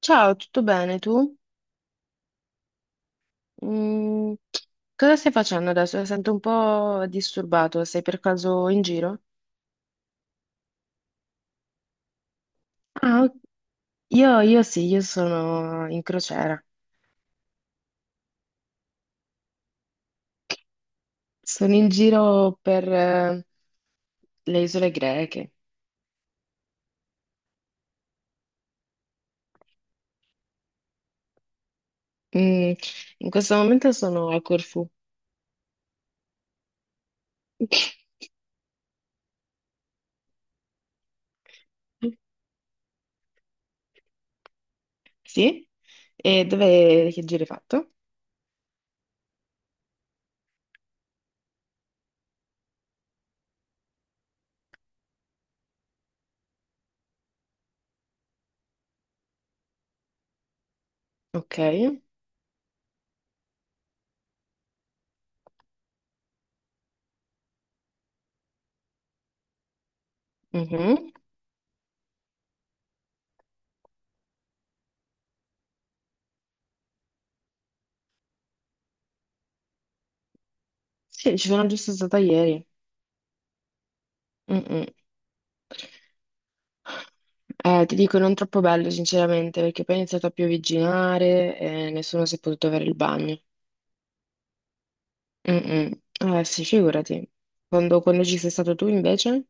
Ciao, tutto bene tu? Mm, cosa stai facendo adesso? Sento un po' disturbato, sei per caso in giro? Ah, ok. Io sì, io sono in crociera. Sono in giro per le isole greche. Mm, in questo momento sono a Corfù. Sì? E dove, che giro hai fatto? Ok. Mhm. Sì, ci sono giusto stata ieri. Mm-mm. Ti dico, non troppo bello, sinceramente, perché poi è iniziato a piovigginare e nessuno si è potuto avere il bagno. Mm-mm. Sì, figurati. Quando ci sei stato tu, invece?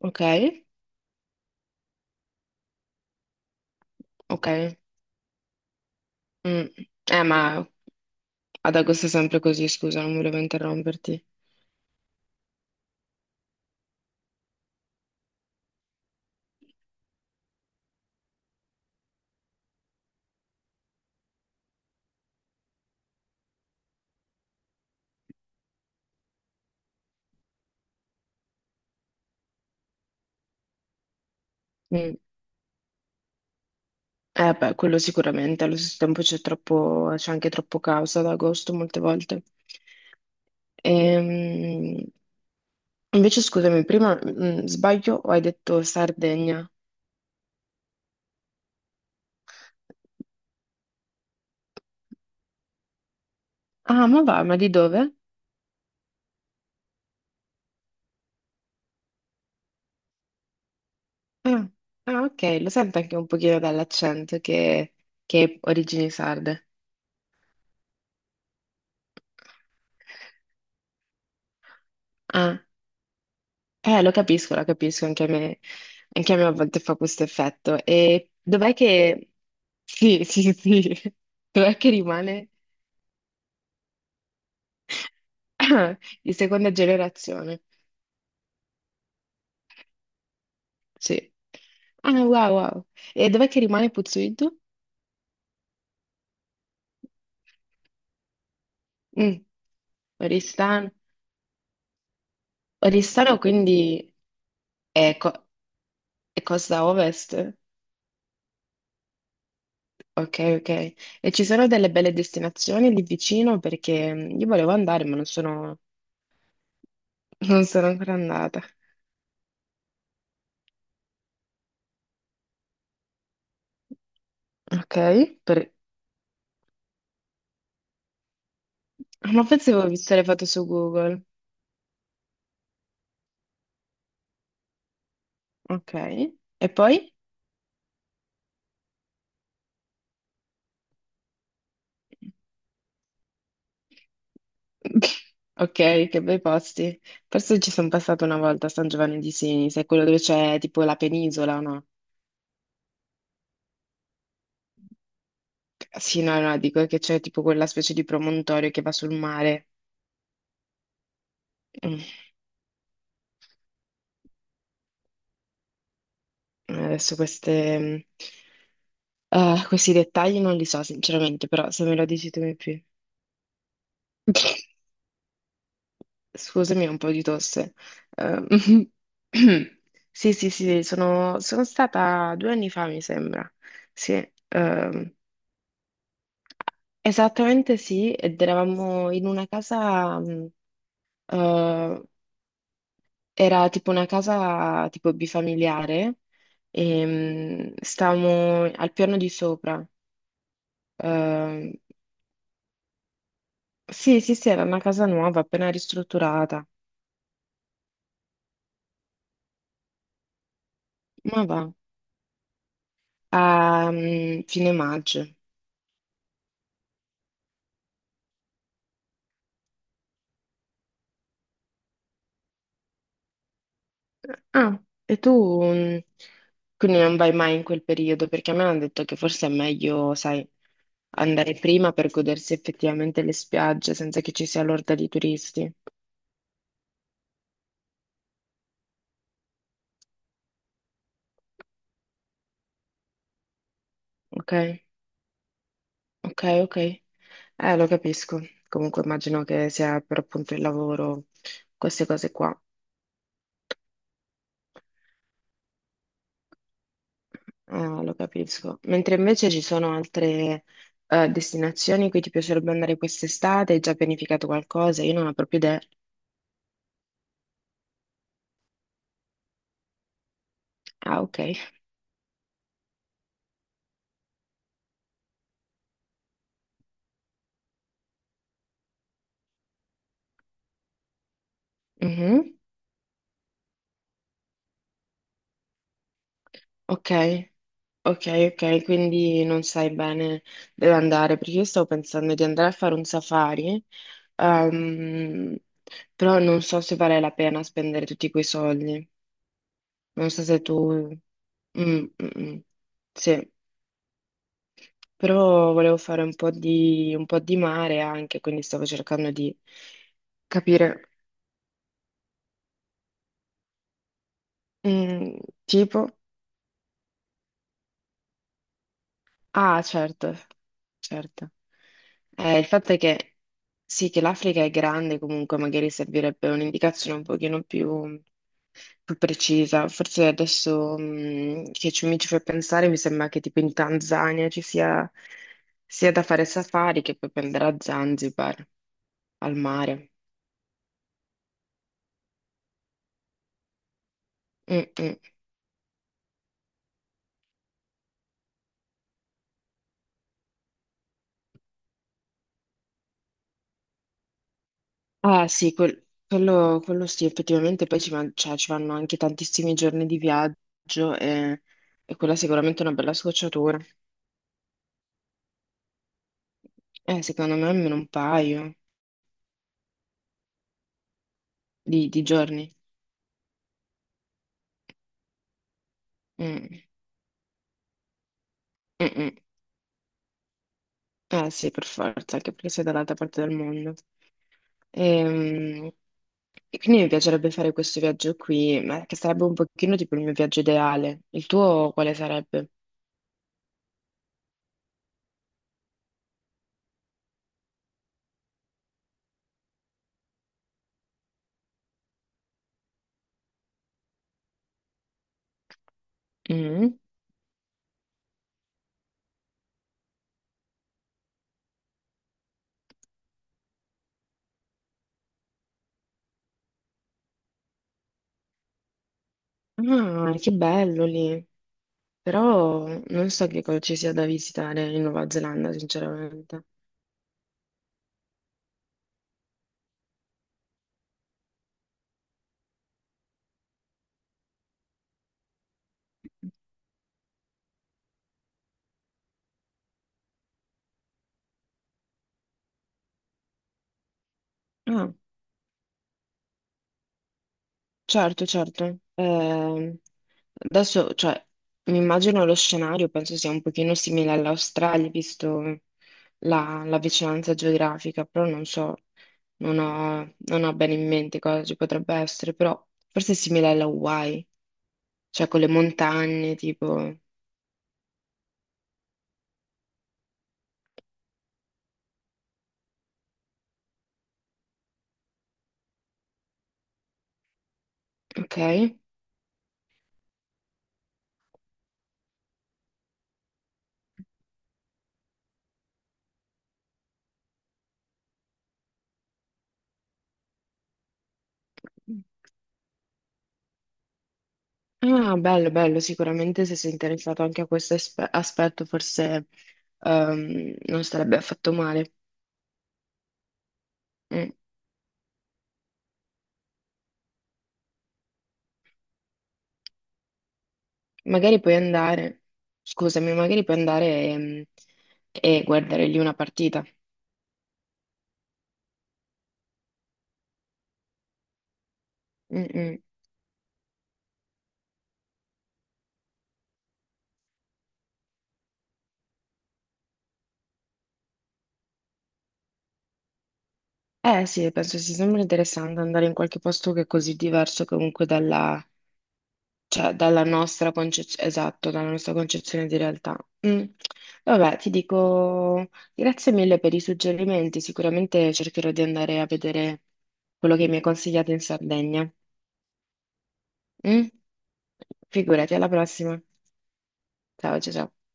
Ok, ok. Mm. Ma ad agosto è sempre così, scusa, non volevo interromperti. Mm. Beh, quello sicuramente. Allo stesso tempo c'è anche troppo caos ad agosto molte volte. Ehm, invece, scusami, prima, sbaglio o hai detto Sardegna? Ah, ma va, ma di dove? Ah, ah, ok, lo sento anche un pochino dall'accento che è origini sarde. Ah, lo capisco, anche a me a volte fa questo effetto. E dov'è che. Sì, sì, sì, dov'è che rimane di seconda generazione? Sì. Ah, wow, wow. E dov'è che rimane Puzzuidu? Mm, Oristano. Oristano quindi. Ecco. E costa a ovest? Ok, ok. E ci sono delle belle destinazioni lì vicino perché io volevo andare, ma non sono, non sono ancora andata. Ok, per- ah, ma forse avevo visto le foto su Google. Ok, e poi? Ok, che bei posti. Forse ci sono passata una volta a San Giovanni di Sinis, è quello dove c'è tipo la penisola, no? Sì, no, no, dico che c'è tipo quella specie di promontorio che va sul mare. Mm, Adesso queste. Questi dettagli non li so sinceramente, però se me lo dici tu mi più. Scusami, ho un po' di tosse. Ehm, Sì, sì, sì, sono stata 2 anni fa, mi sembra. Sì, ehm, esattamente sì, ed eravamo in una casa, eh, era tipo una casa tipo bifamiliare, e, stavamo al piano di sopra. Ehm, sì, sì, sì, era una casa nuova, appena ristrutturata. Ma va, a fine maggio. Ah, e tu mm, quindi non vai mai in quel periodo? Perché a me hanno detto che forse è meglio, sai, andare prima per godersi effettivamente le spiagge senza che ci sia l'orda di turisti. Ok, ok, ok. Lo capisco. Comunque immagino che sia per appunto il lavoro, queste cose qua. Eh, lo capisco. Mentre invece ci sono altre destinazioni in cui ti piacerebbe andare quest'estate, hai già pianificato qualcosa? Io non ho proprio idea. Ah, ok. Mhm. Ok, ok, ok, quindi non sai bene dove andare, perché io stavo pensando di andare a fare un safari, ehm, però non so se vale la pena spendere tutti quei soldi. Non so se tu. Mm, mm, mm. Sì, però volevo fare un po' di mare anche, quindi stavo cercando di capire. Mm, tipo? Ah, certo, certo. Il fatto è che sì, che l'Africa è grande, comunque magari servirebbe un'indicazione un pochino più precisa. Forse adesso mi ci fai pensare, mi sembra che tipo in Tanzania ci sia sia da fare safari che poi prendere a Zanzibar, al mare. Mm, mm. Ah sì, quello sì, effettivamente poi cioè, ci vanno anche tantissimi giorni di viaggio e, e quella sicuramente è sicuramente una bella scocciatura. Secondo me almeno un paio di giorni. Mm, mm, mm. Eh sì, per forza, anche perché sei dall'altra parte del mondo. Ehm, E, quindi mi piacerebbe fare questo viaggio qui, ma che sarebbe un pochino tipo il mio viaggio ideale. Il tuo quale sarebbe? Mm? Ah, che bello lì. Però non so che cosa ci sia da visitare in Nuova Zelanda, sinceramente. Ah. Certo, certo. Adesso, cioè, mi immagino lo scenario, penso sia un pochino simile all'Australia, visto la vicinanza geografica, però non so, non ho bene in mente cosa ci potrebbe essere, però forse è simile alla Hawaii, cioè con le montagne, tipo, ok? Ah, bello, bello, sicuramente se sei interessato anche a questo aspetto, forse non sarebbe affatto male. Mm. Magari puoi andare, scusami, magari puoi andare ehm, e, guardare lì una partita. Mm, mm. Eh sì, penso sia sempre interessante andare in qualche posto che è così diverso comunque dalla, cioè, dalla nostra concezione, esatto, dalla nostra concezione di realtà. Mm. Vabbè, ti dico grazie mille per i suggerimenti, sicuramente cercherò di andare a vedere quello che mi hai consigliato in Sardegna. Mm? Figurati, alla prossima. Ciao, ciao, ciao.